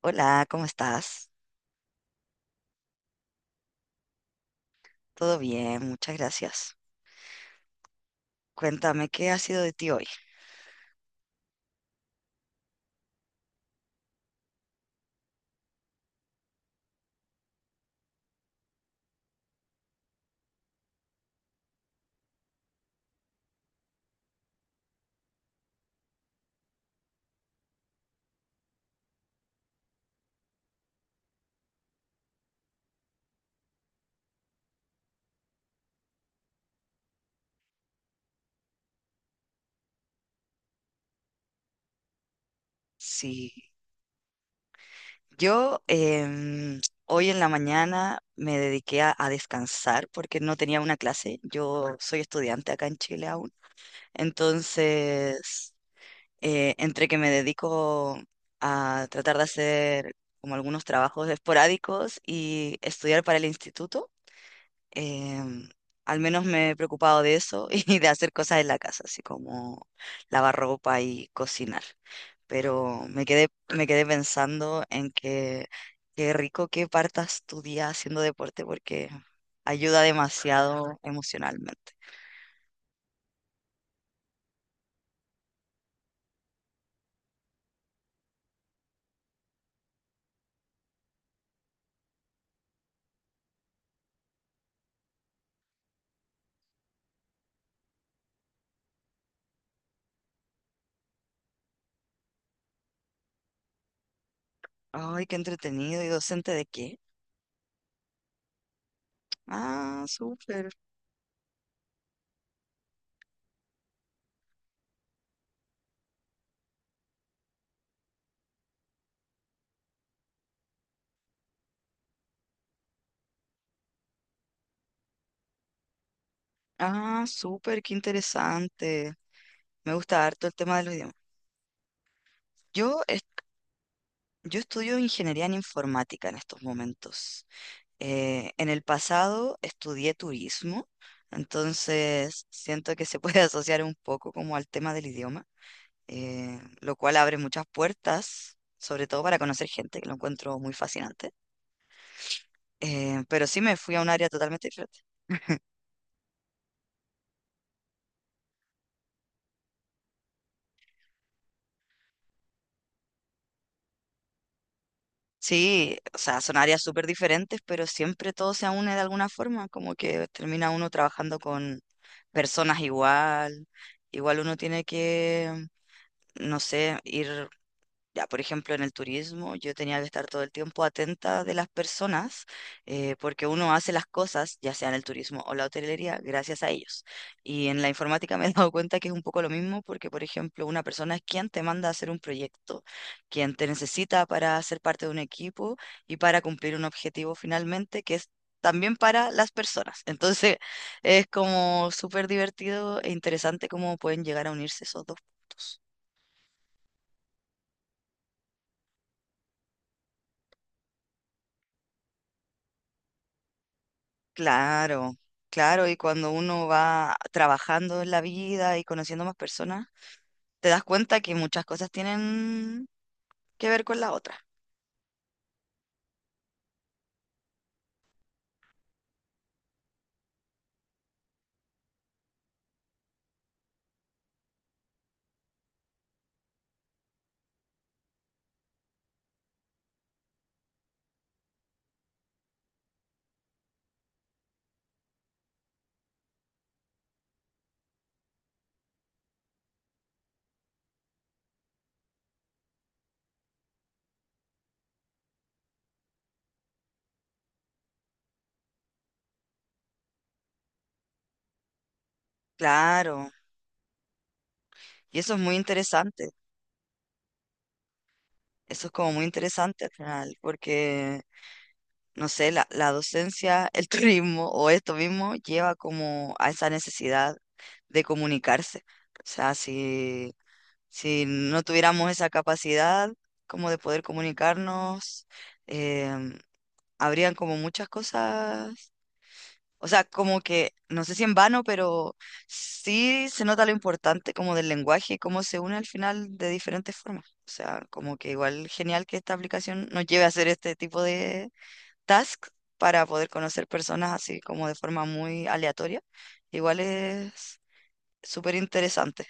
Hola, ¿cómo estás? Todo bien, muchas gracias. Cuéntame, ¿qué ha sido de ti hoy? Sí, yo hoy en la mañana me dediqué a descansar porque no tenía una clase. Yo soy estudiante acá en Chile aún. Entonces, entre que me dedico a tratar de hacer como algunos trabajos esporádicos y estudiar para el instituto. Em, Al menos me he preocupado de eso y de hacer cosas en la casa, así como lavar ropa y cocinar. Pero me quedé pensando en que qué rico que partas tu día haciendo deporte porque ayuda demasiado emocionalmente. Ay, qué entretenido. ¿Y docente de qué? Ah, súper. Ah, súper, qué interesante. Me gusta harto el tema de los idiomas. Yo, es- yo estudio ingeniería en informática en estos momentos. En el pasado estudié turismo, entonces siento que se puede asociar un poco como al tema del idioma, lo cual abre muchas puertas, sobre todo para conocer gente, que lo encuentro muy fascinante. Pero sí me fui a un área totalmente diferente. Sí, o sea, son áreas súper diferentes, pero siempre todo se une de alguna forma, como que termina uno trabajando con personas igual, igual uno tiene que, no sé, ir. Ya, por ejemplo, en el turismo yo tenía que estar todo el tiempo atenta de las personas, porque uno hace las cosas, ya sea en el turismo o la hotelería, gracias a ellos. Y en la informática me he dado cuenta que es un poco lo mismo, porque, por ejemplo, una persona es quien te manda a hacer un proyecto, quien te necesita para ser parte de un equipo y para cumplir un objetivo finalmente, que es también para las personas. Entonces, es como súper divertido e interesante cómo pueden llegar a unirse esos dos puntos. Claro, claro, y cuando uno va trabajando en la vida y conociendo más personas, te das cuenta que muchas cosas tienen que ver con la otra. Claro, y eso es muy interesante, eso es como muy interesante al final, porque, no sé, la docencia, el turismo o esto mismo lleva como a esa necesidad de comunicarse. O sea, si no tuviéramos esa capacidad como de poder comunicarnos, em, habrían como muchas cosas, o sea, como que, no sé si en vano, pero sí se nota lo importante como del lenguaje y cómo se une al final de diferentes formas. O sea, como que igual genial que esta aplicación nos lleve a hacer este tipo de tasks para poder conocer personas así como de forma muy aleatoria. Igual es súper interesante.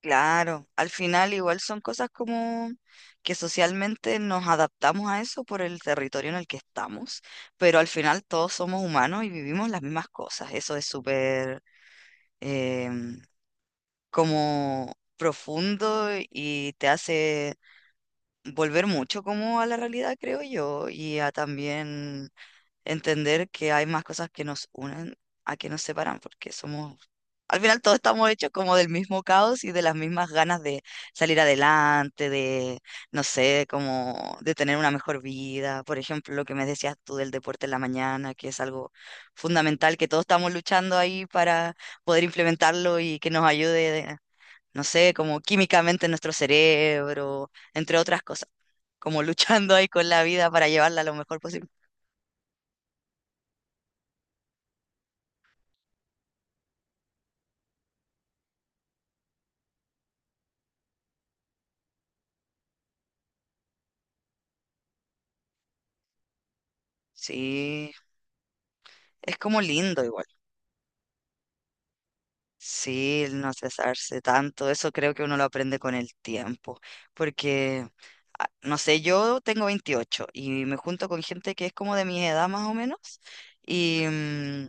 Claro, al final igual son cosas como que socialmente nos adaptamos a eso por el territorio en el que estamos, pero al final todos somos humanos y vivimos las mismas cosas. Eso es súper em, como profundo y te hace volver mucho como a la realidad, creo yo, y a también entender que hay más cosas que nos unen a que nos separan, porque somos, al final todos estamos hechos como del mismo caos y de las mismas ganas de salir adelante, de, no sé, como de tener una mejor vida. Por ejemplo, lo que me decías tú del deporte en la mañana, que es algo fundamental, que todos estamos luchando ahí para poder implementarlo y que nos ayude, de- no sé, como químicamente en nuestro cerebro, entre otras cosas, como luchando ahí con la vida para llevarla lo mejor posible. Sí. Es como lindo igual. Sí, el no cesarse tanto, eso creo que uno lo aprende con el tiempo, porque, ah, no sé, yo tengo 28 y me junto con gente que es como de mi edad más o menos, y, mm,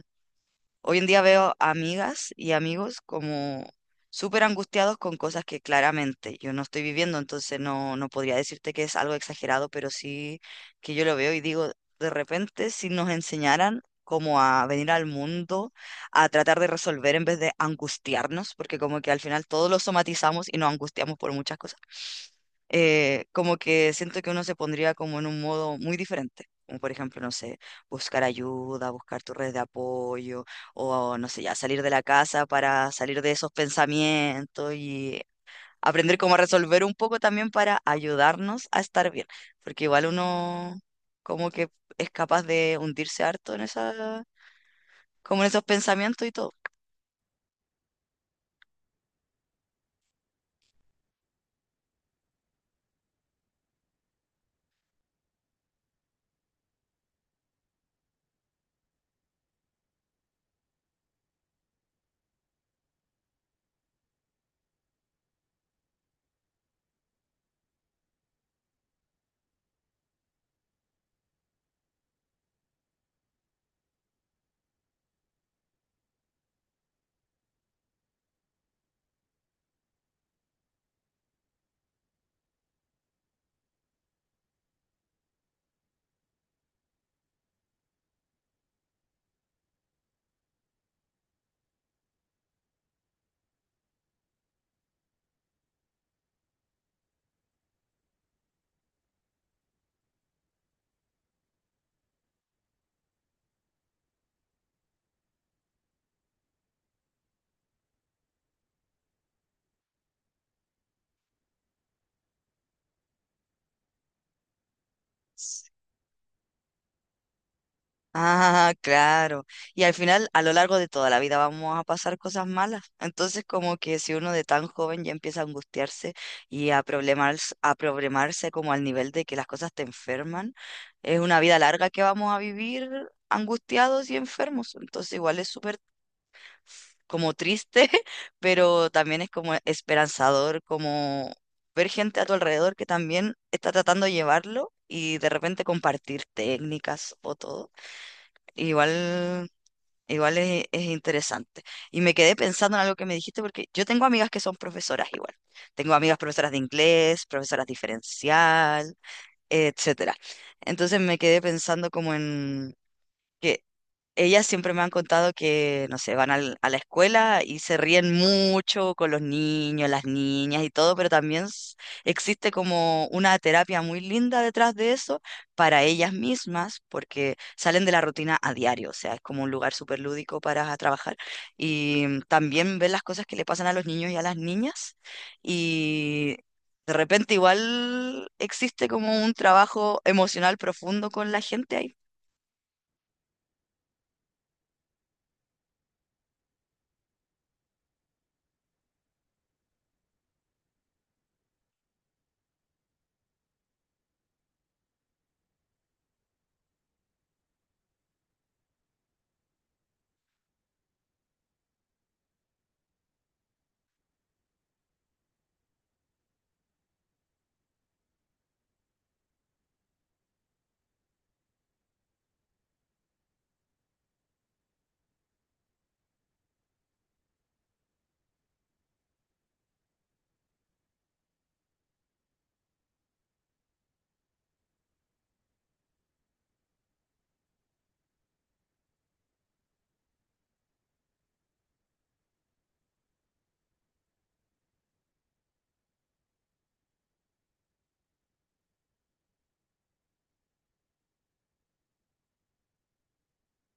hoy en día veo a amigas y amigos como súper angustiados con cosas que claramente yo no estoy viviendo, entonces no, no podría decirte que es algo exagerado, pero sí que yo lo veo y digo, de repente si nos enseñaran como a venir al mundo, a tratar de resolver en vez de angustiarnos, porque como que al final todos lo somatizamos y nos angustiamos por muchas cosas, como que siento que uno se pondría como en un modo muy diferente. Como por ejemplo, no sé, buscar ayuda, buscar tu red de apoyo, o no sé, ya salir de la casa para salir de esos pensamientos y aprender cómo resolver un poco también para ayudarnos a estar bien, porque igual uno como que es capaz de hundirse harto en esa, como en esos pensamientos y todo. Ah, claro. Y al final, a lo largo de toda la vida vamos a pasar cosas malas. Entonces, como que si uno de tan joven ya empieza a angustiarse y a problemarse como al nivel de que las cosas te enferman, es una vida larga que vamos a vivir angustiados y enfermos. Entonces, igual es súper como triste, pero también es como esperanzador, como ver gente a tu alrededor que también está tratando de llevarlo y de repente compartir técnicas o todo. Igual, igual es interesante. Y me quedé pensando en algo que me dijiste, porque yo tengo amigas que son profesoras igual. Tengo amigas profesoras de inglés, profesoras diferencial, etcétera. Entonces me quedé pensando como en que ellas siempre me han contado que, no sé, van a la escuela y se ríen mucho con los niños, las niñas y todo, pero también existe como una terapia muy linda detrás de eso para ellas mismas, porque salen de la rutina a diario, o sea, es como un lugar súper lúdico para trabajar y también ven las cosas que le pasan a los niños y a las niñas y... De repente igual existe como un trabajo emocional profundo con la gente ahí.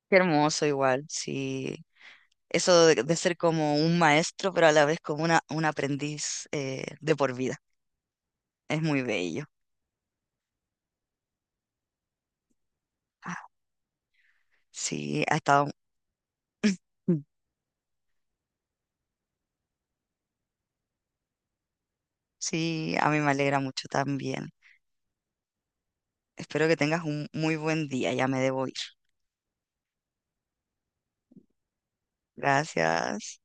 Qué hermoso igual, sí. Eso de ser como un maestro, pero a la vez como un aprendiz de por vida. Es muy bello. Ah, sí, ha estado. Mm. Sí, a mí me alegra mucho también. Espero que tengas un muy buen día, ya me debo ir. Gracias.